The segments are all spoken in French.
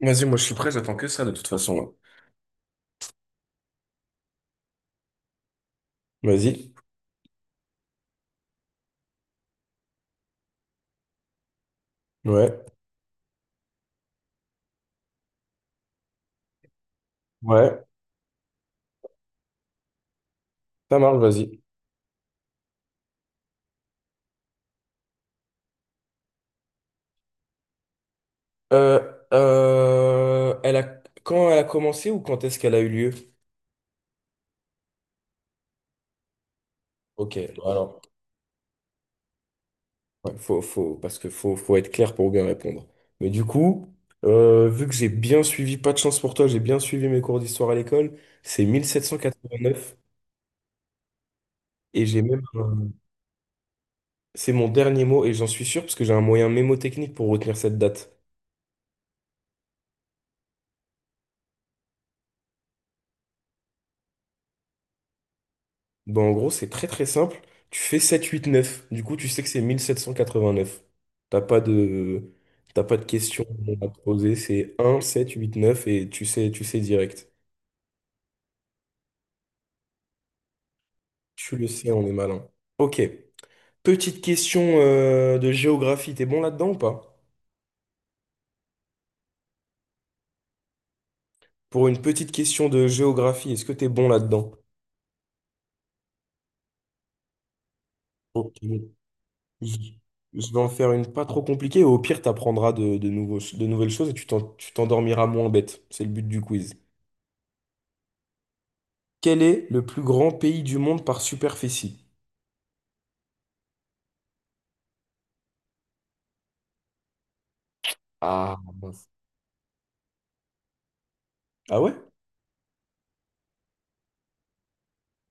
Vas-y, moi je suis prêt, j'attends que ça de toute façon, là. Vas-y. Ouais. Ouais. Ça marche, vas-y. Euh, euh, elle a... Quand elle a commencé ou quand est-ce qu'elle a eu lieu? Ok, bon, alors, ouais, parce que faut être clair pour bien répondre. Mais du coup, vu que j'ai bien suivi, pas de chance pour toi, j'ai bien suivi mes cours d'histoire à l'école, c'est 1789 et j'ai même, un- c'est mon dernier mot et j'en suis sûr parce que j'ai un moyen mémotechnique pour retenir cette date. Ben, en gros, c'est très très simple. Tu fais 789. Du coup, tu sais que c'est 1789. T'as pas de, t'as pas de questions à te poser. C'est un 789 et tu sais direct. Tu le sais, on est malin. Ok. Petite question de géographie. T'es bon là-dedans ou pas? Pour une petite question de géographie, est-ce que t'es bon là-dedans? Ok. Je vais en faire une pas trop compliquée. Au pire, t'apprendras de nouvelles choses et tu t'endormiras moins bête. C'est le but du quiz. Quel est le plus grand pays du monde par superficie? Ah, mince. Ah ouais?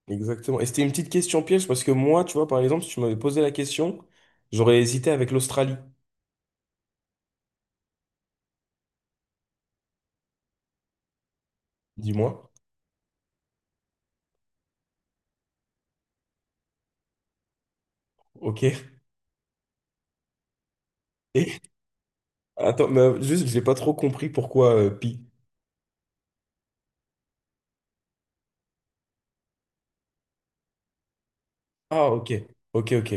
Exactement. Et c'était une petite question piège parce que moi, tu vois, par exemple, si tu m'avais posé la question, j'aurais hésité avec l'Australie. Dis-moi. Ok. Et attends, mais juste, j'ai pas trop compris pourquoi pi. Ah, ok. Ok, ok.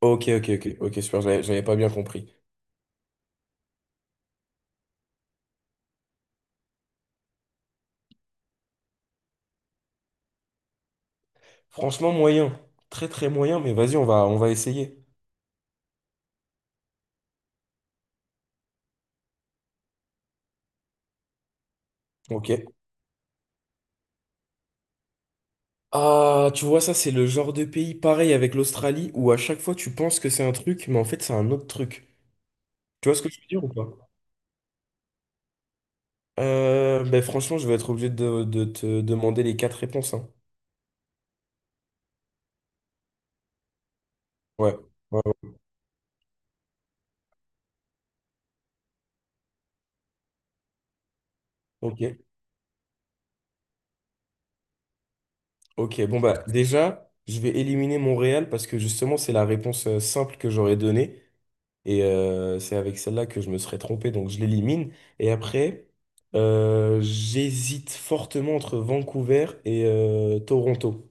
Ok, ok, ok. Ok, super, j'avais pas bien compris. Franchement, moyen. Très, très moyen, mais vas-y, on va essayer. Ok. Ah, tu vois, ça, c'est le genre de pays pareil avec l'Australie où à chaque fois tu penses que c'est un truc, mais en fait, c'est un autre truc. Tu vois ce que je veux dire ou pas? Ben, franchement, je vais être obligé de te demander les quatre réponses, hein. Ouais. Ouais, ouais. Ok. Ok. Bon, bah, déjà, je vais éliminer Montréal parce que justement, c'est la réponse simple que j'aurais donnée. Et c'est avec celle-là que je me serais trompé, donc je l'élimine. Et après, j'hésite fortement entre Vancouver et Toronto.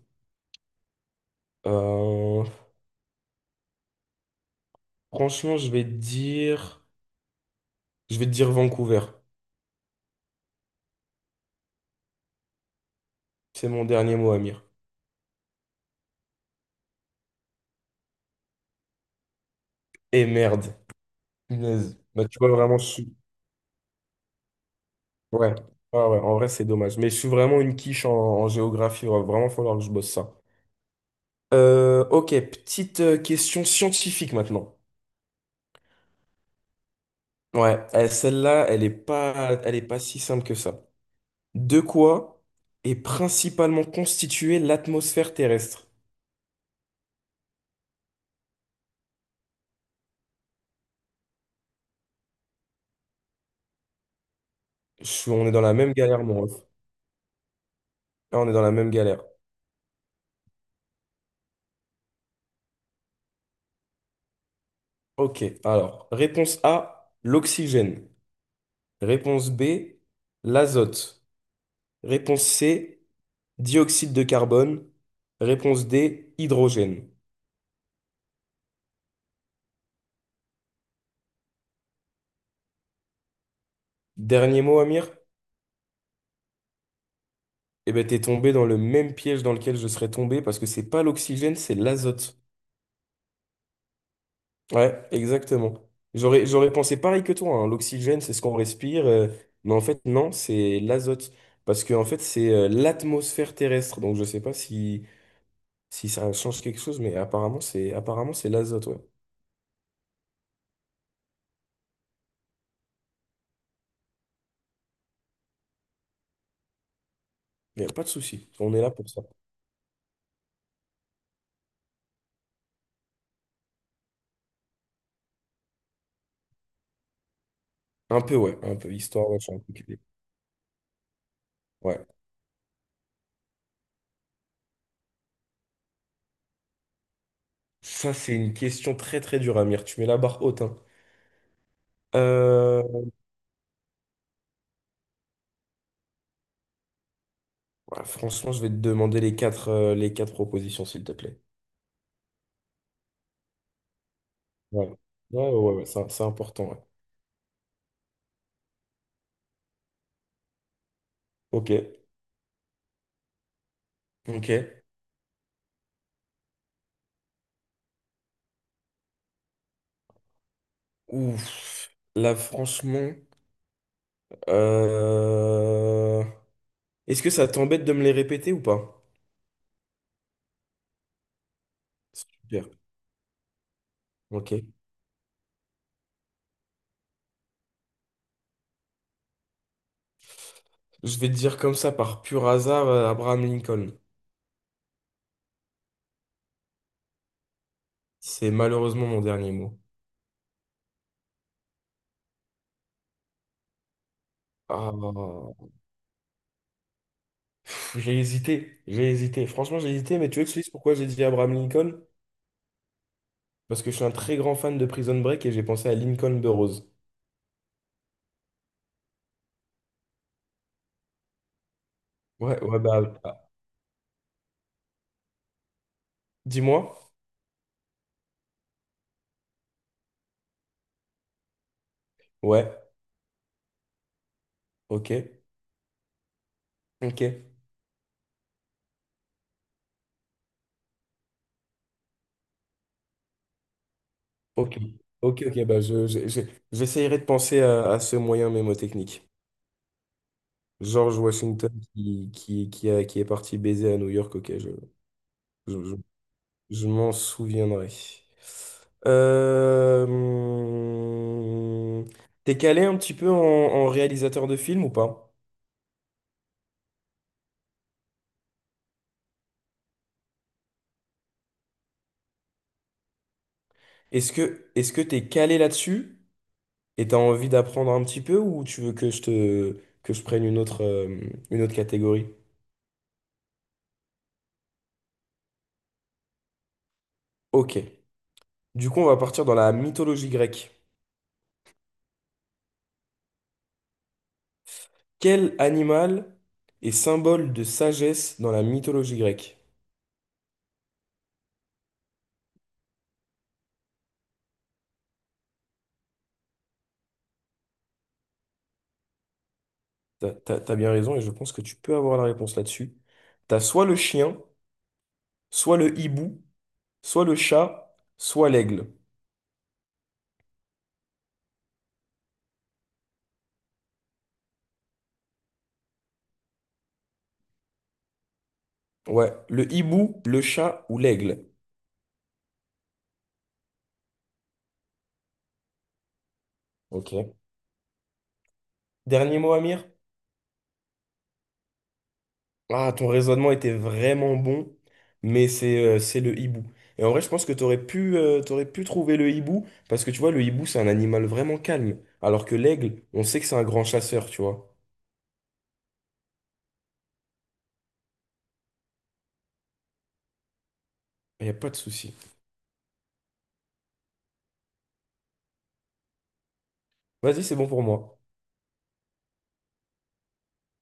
Euh, Franchement, je vais te dire Vancouver. C'est mon dernier mot, Amir. Et merde. Punaise. Bah, tu vois, vraiment, je suis... Ouais. Ah ouais, en vrai, c'est dommage. Mais je suis vraiment une quiche en géographie. Il va vraiment falloir que je bosse ça. Ok, petite question scientifique maintenant. Ouais, celle-là, elle est pas si simple que ça. De quoi est principalement constituée l'atmosphère terrestre? On est dans la même galère, mon ref. Ah, on est dans la même galère. Ok, alors, réponse A, l'oxygène. Réponse B, l'azote. Réponse C, dioxyde de carbone. Réponse D, hydrogène. Dernier mot, Amir? Eh ben, t'es tombé dans le même piège dans lequel je serais tombé parce que c'est pas l'oxygène, c'est l'azote. Ouais, exactement. J'aurais pensé pareil que toi, hein. L'oxygène, c'est ce qu'on respire, mais en fait, non, c'est l'azote. Parce que, en fait, c'est l'atmosphère terrestre. Donc, je sais pas si ça change quelque chose, mais apparemment, c'est l'azote, ouais. Il n'y a pas de souci. On est là pour ça. Un peu, ouais. Un peu. Histoire, ouais, je suis un peu culé. Ouais. Ça, c'est une question très très dure, Amir. Tu mets la barre haute, hein. Euh, ouais, franchement, je vais te demander les quatre propositions, s'il te plaît. Ouais. Ouais, ouais, ouais, ouais, c'est important, ouais. Ok. Ok. Ouf. Là, franchement. euh, Est-ce que ça t'embête de me les répéter ou pas? Super. Ok. Je vais te dire comme ça, par pur hasard, Abraham Lincoln. C'est malheureusement mon dernier mot. Ah, pff, j'ai hésité, j'ai hésité. Franchement, j'ai hésité, mais tu veux que je te dise pourquoi j'ai dit Abraham Lincoln? Parce que je suis un très grand fan de Prison Break et j'ai pensé à Lincoln de Rose. Ouais, ouais, bah, ah, dis-moi. Ouais, ok, ok, ok, ok, ok, bah, j'essayerai de penser à ce moyen mnémotechnique. George Washington qui est parti baiser à New York, ok, je, je Je m'en souviendrai. Euh... hum, T'es calé un petit peu en réalisateur de films ou pas? Est-ce que t'es calé là-dessus et t'as envie d'apprendre un petit peu ou tu veux que je prenne une autre catégorie? Ok. Du coup, on va partir dans la mythologie grecque. Quel animal est symbole de sagesse dans la mythologie grecque? T'as bien raison et je pense que tu peux avoir la réponse là-dessus. T'as soit le chien, soit le hibou, soit le chat, soit l'aigle. Ouais, le hibou, le chat ou l'aigle. Ok. Dernier mot, Amir? Ah, ton raisonnement était vraiment bon, mais c'est le hibou. Et en vrai, je pense que t'aurais pu trouver le hibou, parce que tu vois, le hibou, c'est un animal vraiment calme, alors que l'aigle, on sait que c'est un grand chasseur, tu vois. Il n'y a pas de souci. Vas-y, c'est bon pour moi.